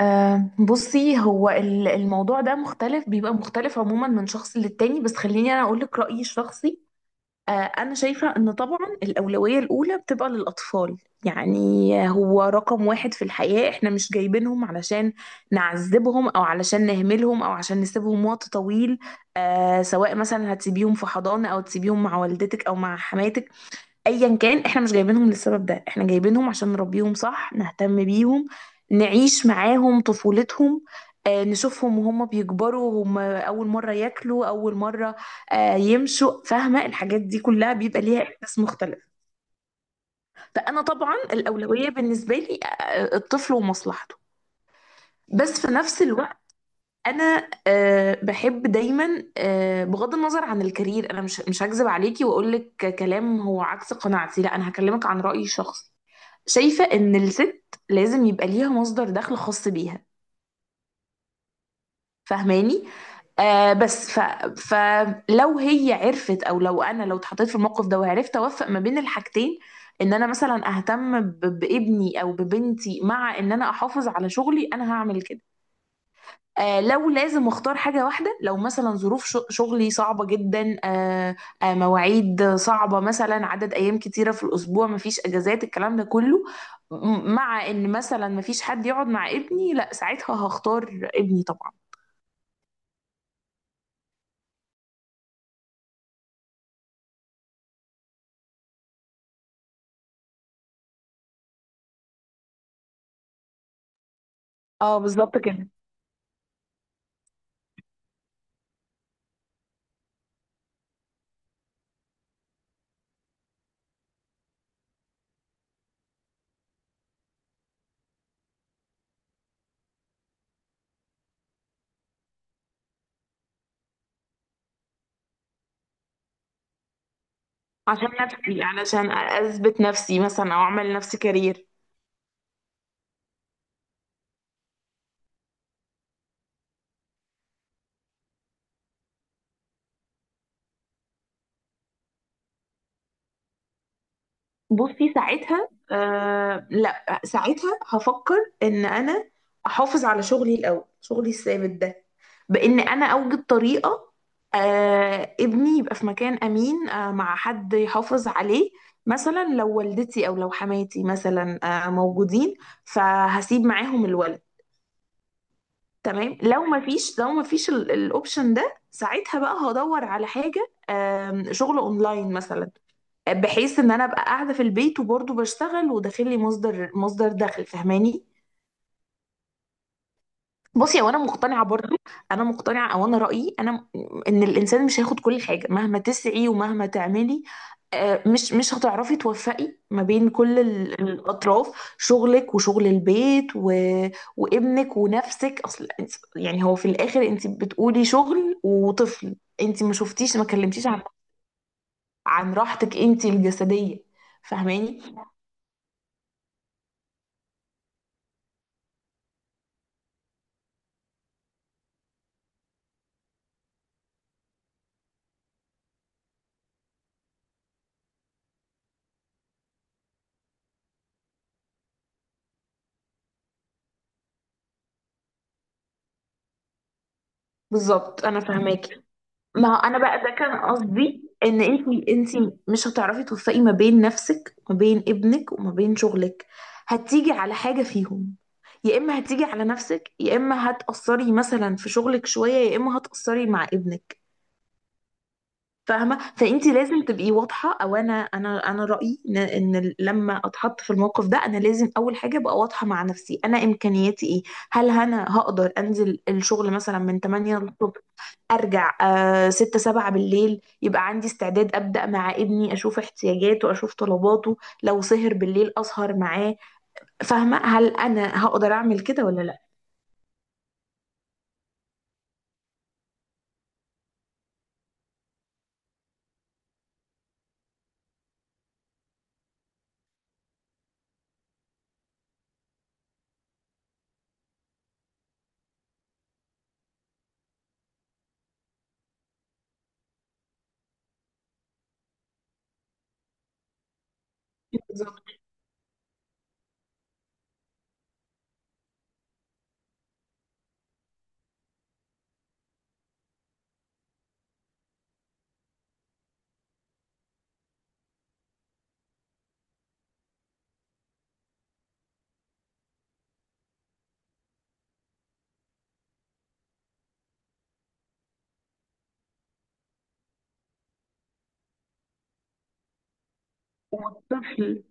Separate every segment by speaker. Speaker 1: بصي، هو الموضوع ده مختلف، بيبقى مختلف عموما من شخص للتاني. بس خليني انا اقول لك رأيي الشخصي. انا شايفة ان طبعا الأولوية الأولى بتبقى للأطفال. يعني هو رقم واحد في الحياة. احنا مش جايبينهم علشان نعذبهم، او علشان نهملهم، او عشان نسيبهم وقت طويل. سواء مثلا هتسيبيهم في حضانة، او تسيبيهم مع والدتك، او مع حماتك. ايا كان، احنا مش جايبينهم للسبب ده، احنا جايبينهم عشان نربيهم صح، نهتم بيهم، نعيش معاهم طفولتهم. نشوفهم وهم بيكبروا، هم اول مره ياكلوا، اول مره يمشوا. فاهمه؟ الحاجات دي كلها بيبقى ليها احساس مختلف. فانا طبعا الاولويه بالنسبه لي الطفل ومصلحته. بس في نفس الوقت انا بحب دايما، بغض النظر عن الكارير، انا مش هكذب عليكي واقول لك كلام هو عكس قناعتي. لا، انا هكلمك عن رايي الشخصي. شايفة ان الست لازم يبقى ليها مصدر دخل خاص بيها. فاهماني؟ آه بس ف... فلو هي عرفت، او لو انا لو اتحطيت في الموقف ده وعرفت اوفق ما بين الحاجتين، ان انا مثلا اهتم بابني او ببنتي، مع ان انا احافظ على شغلي، انا هعمل كده. لو لازم اختار حاجة واحدة، لو مثلا ظروف شغلي صعبة جدا، مواعيد صعبة، مثلا عدد ايام كتيرة في الاسبوع، مفيش اجازات، الكلام ده كله، مع ان مثلا مفيش حد يقعد مع ابني، لا ساعتها هختار ابني طبعا. اه، بالظبط كده. عشان نفسي، علشان اثبت نفسي مثلا، او اعمل لنفسي كارير. بصي ساعتها، لا ساعتها هفكر ان انا احافظ على شغلي الاول، شغلي الثابت ده، بان انا اوجد طريقه ابني يبقى في مكان امين، مع حد يحافظ عليه. مثلا لو والدتي او لو حماتي مثلا موجودين، فهسيب معاهم الولد. تمام. لو ما فيش الاوبشن ده ساعتها بقى هدور على حاجه، شغل اونلاين مثلا، بحيث ان انا ابقى قاعده في البيت وبرضه بشتغل، وداخل لي مصدر دخل. فاهماني؟ بصي، هو انا مقتنعه برضه، انا مقتنعه، او انا رايي، ان الانسان مش هياخد كل حاجه مهما تسعي ومهما تعملي. مش هتعرفي توفقي ما بين كل الاطراف، شغلك وشغل البيت وابنك ونفسك. يعني هو في الاخر انت بتقولي شغل وطفل، انت ما شفتيش، ما كلمتيش عن عن راحتك انت الجسديه. فاهماني؟ بالظبط، انا فاهماكي. ما هو انا بقى ده كان قصدي، ان انتي مش هتعرفي توفقي ما بين نفسك وما بين ابنك وما بين شغلك، هتيجي على حاجة فيهم. يا اما هتيجي على نفسك، يا اما هتأثري مثلا في شغلك شوية، يا اما هتأثري مع ابنك. فاهمة؟ فانتي لازم تبقي واضحة. او انا رأيي ان، إن لما اتحط في الموقف ده، انا لازم اول حاجة ابقى واضحة مع نفسي، انا امكانياتي ايه. هل انا هقدر انزل الشغل مثلا من 8 للصبح، ارجع ستة سبعة بالليل، يبقى عندي استعداد ابدا مع ابني، اشوف احتياجاته، اشوف طلباته، لو سهر بالليل اسهر معاه. فاهمه؟ هل انا هقدر اعمل كده ولا لا؟ بالظبط. والطفل.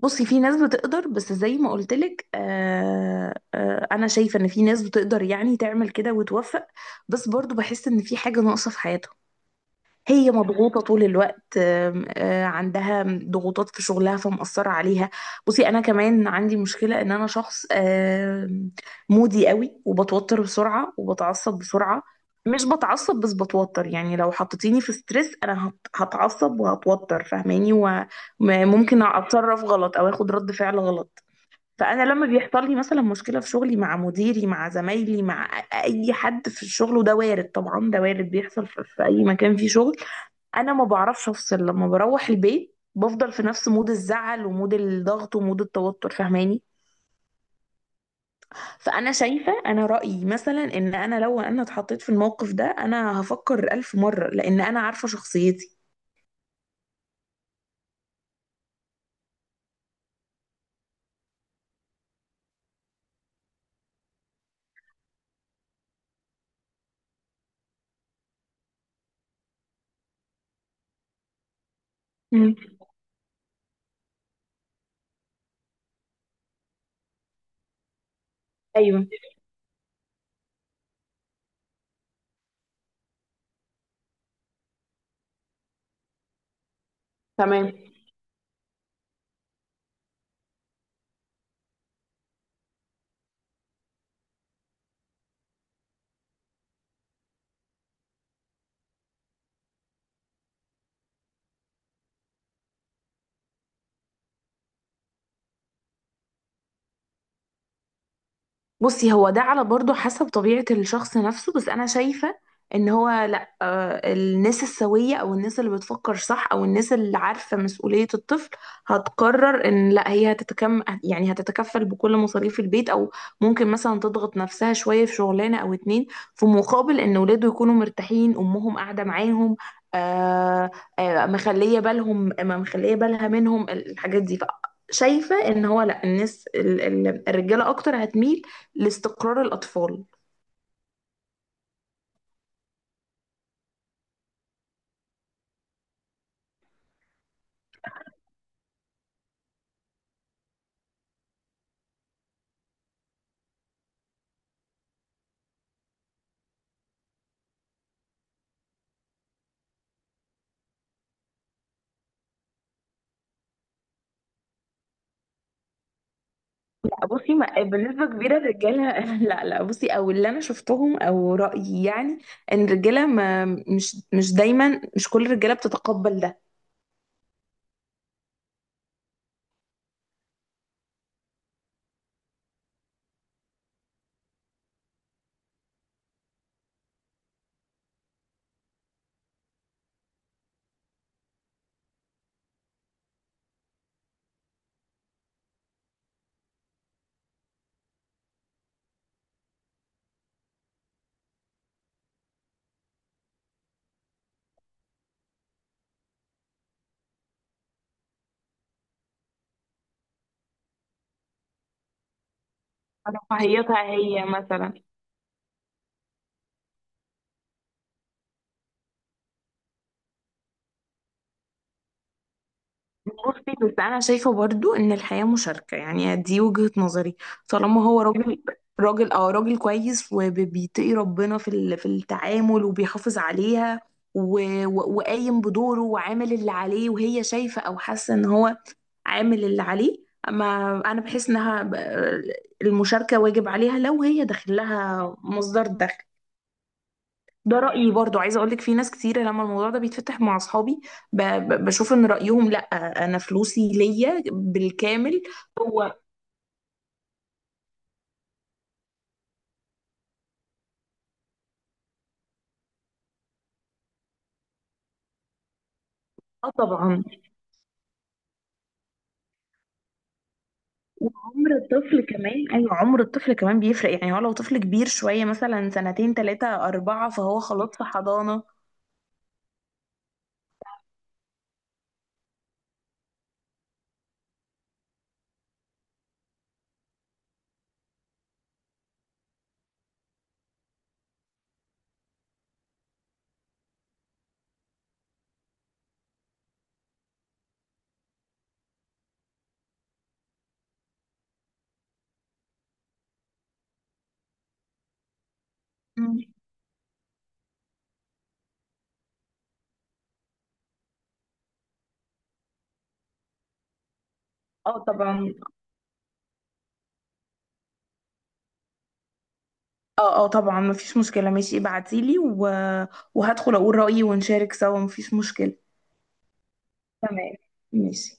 Speaker 1: بصي في ناس بتقدر، بس زي ما قلت لك، انا شايفه ان في ناس بتقدر يعني تعمل كده وتوفق، بس برضو بحس ان في حاجه ناقصه في حياتهم. هي مضغوطة طول الوقت، آم، آه، عندها ضغوطات في شغلها فمأثرة عليها. بصي، أنا كمان عندي مشكلة إن أنا شخص مودي قوي، وبتوتر بسرعة وبتعصب بسرعة. مش بتعصب، بس بتوتر. يعني لو حطيتيني في ستريس، أنا هتعصب وهتوتر. فاهماني؟ وممكن أتصرف غلط أو أخد رد فعل غلط. فأنا لما بيحصل لي مثلا مشكلة في شغلي، مع مديري، مع زمايلي، مع أي حد في الشغل. وده وارد طبعا، ده وارد بيحصل في أي مكان فيه شغل. انا ما بعرفش افصل لما بروح البيت، بفضل في نفس مود الزعل ومود الضغط ومود التوتر. فاهماني؟ فانا شايفه، انا رايي مثلا ان انا، لو انا اتحطيت في الموقف ده، انا هفكر الف مره، لان انا عارفه شخصيتي. مم. ايوه. تمام. بصي، هو ده على برضه حسب طبيعة الشخص نفسه. بس أنا شايفة إن هو لأ، الناس السوية، أو الناس اللي بتفكر صح، أو الناس اللي عارفة مسؤولية الطفل، هتقرر إن لأ، هي هتتكم يعني هتتكفل بكل مصاريف البيت، أو ممكن مثلا تضغط نفسها شوية في شغلانة أو اتنين، في مقابل إن ولاده يكونوا مرتاحين، أمهم قاعدة معاهم. آه مخلية بالهم، ما مخلية بالها منهم الحاجات دي. شايفة ان هو، لا، الناس الرجالة اكتر هتميل لاستقرار الأطفال. لا بصي، ما بنسبة كبيرة الرجالة لا، لا، بصي، او اللي انا شفتهم او رأيي يعني ان الرجالة ما، مش دايما، مش كل الرجالة بتتقبل ده. على رفاهيتها هي مثلا. بصي، بس انا شايفة برضو ان الحياة مشاركة. يعني دي وجهة نظري. طالما هو راجل، راجل كويس، وبيتقي ربنا في في التعامل، وبيحافظ عليها، وقايم بدوره، وعامل اللي عليه، وهي شايفة او حاسة ان هو عامل اللي عليه. اما انا بحس انها، المشاركه واجب عليها لو هي داخل لها مصدر دخل. ده رايي برضو. عايزه اقول لك، في ناس كتير لما الموضوع ده بيتفتح مع اصحابي بشوف ان رايهم لا، انا فلوسي ليا بالكامل. هو، اه، طبعا. وعمر الطفل كمان. ايوه، عمر الطفل كمان بيفرق. يعني هو لو طفل كبير شويه، مثلا سنتين، ثلاثه، اربعه، فهو خلاص في حضانه. مم. اه طبعا. اه، اه، طبعا مفيش مشكلة. ماشي، ابعتيلي وهدخل اقول رأيي ونشارك سوا. مفيش مشكلة. تمام. ماشي.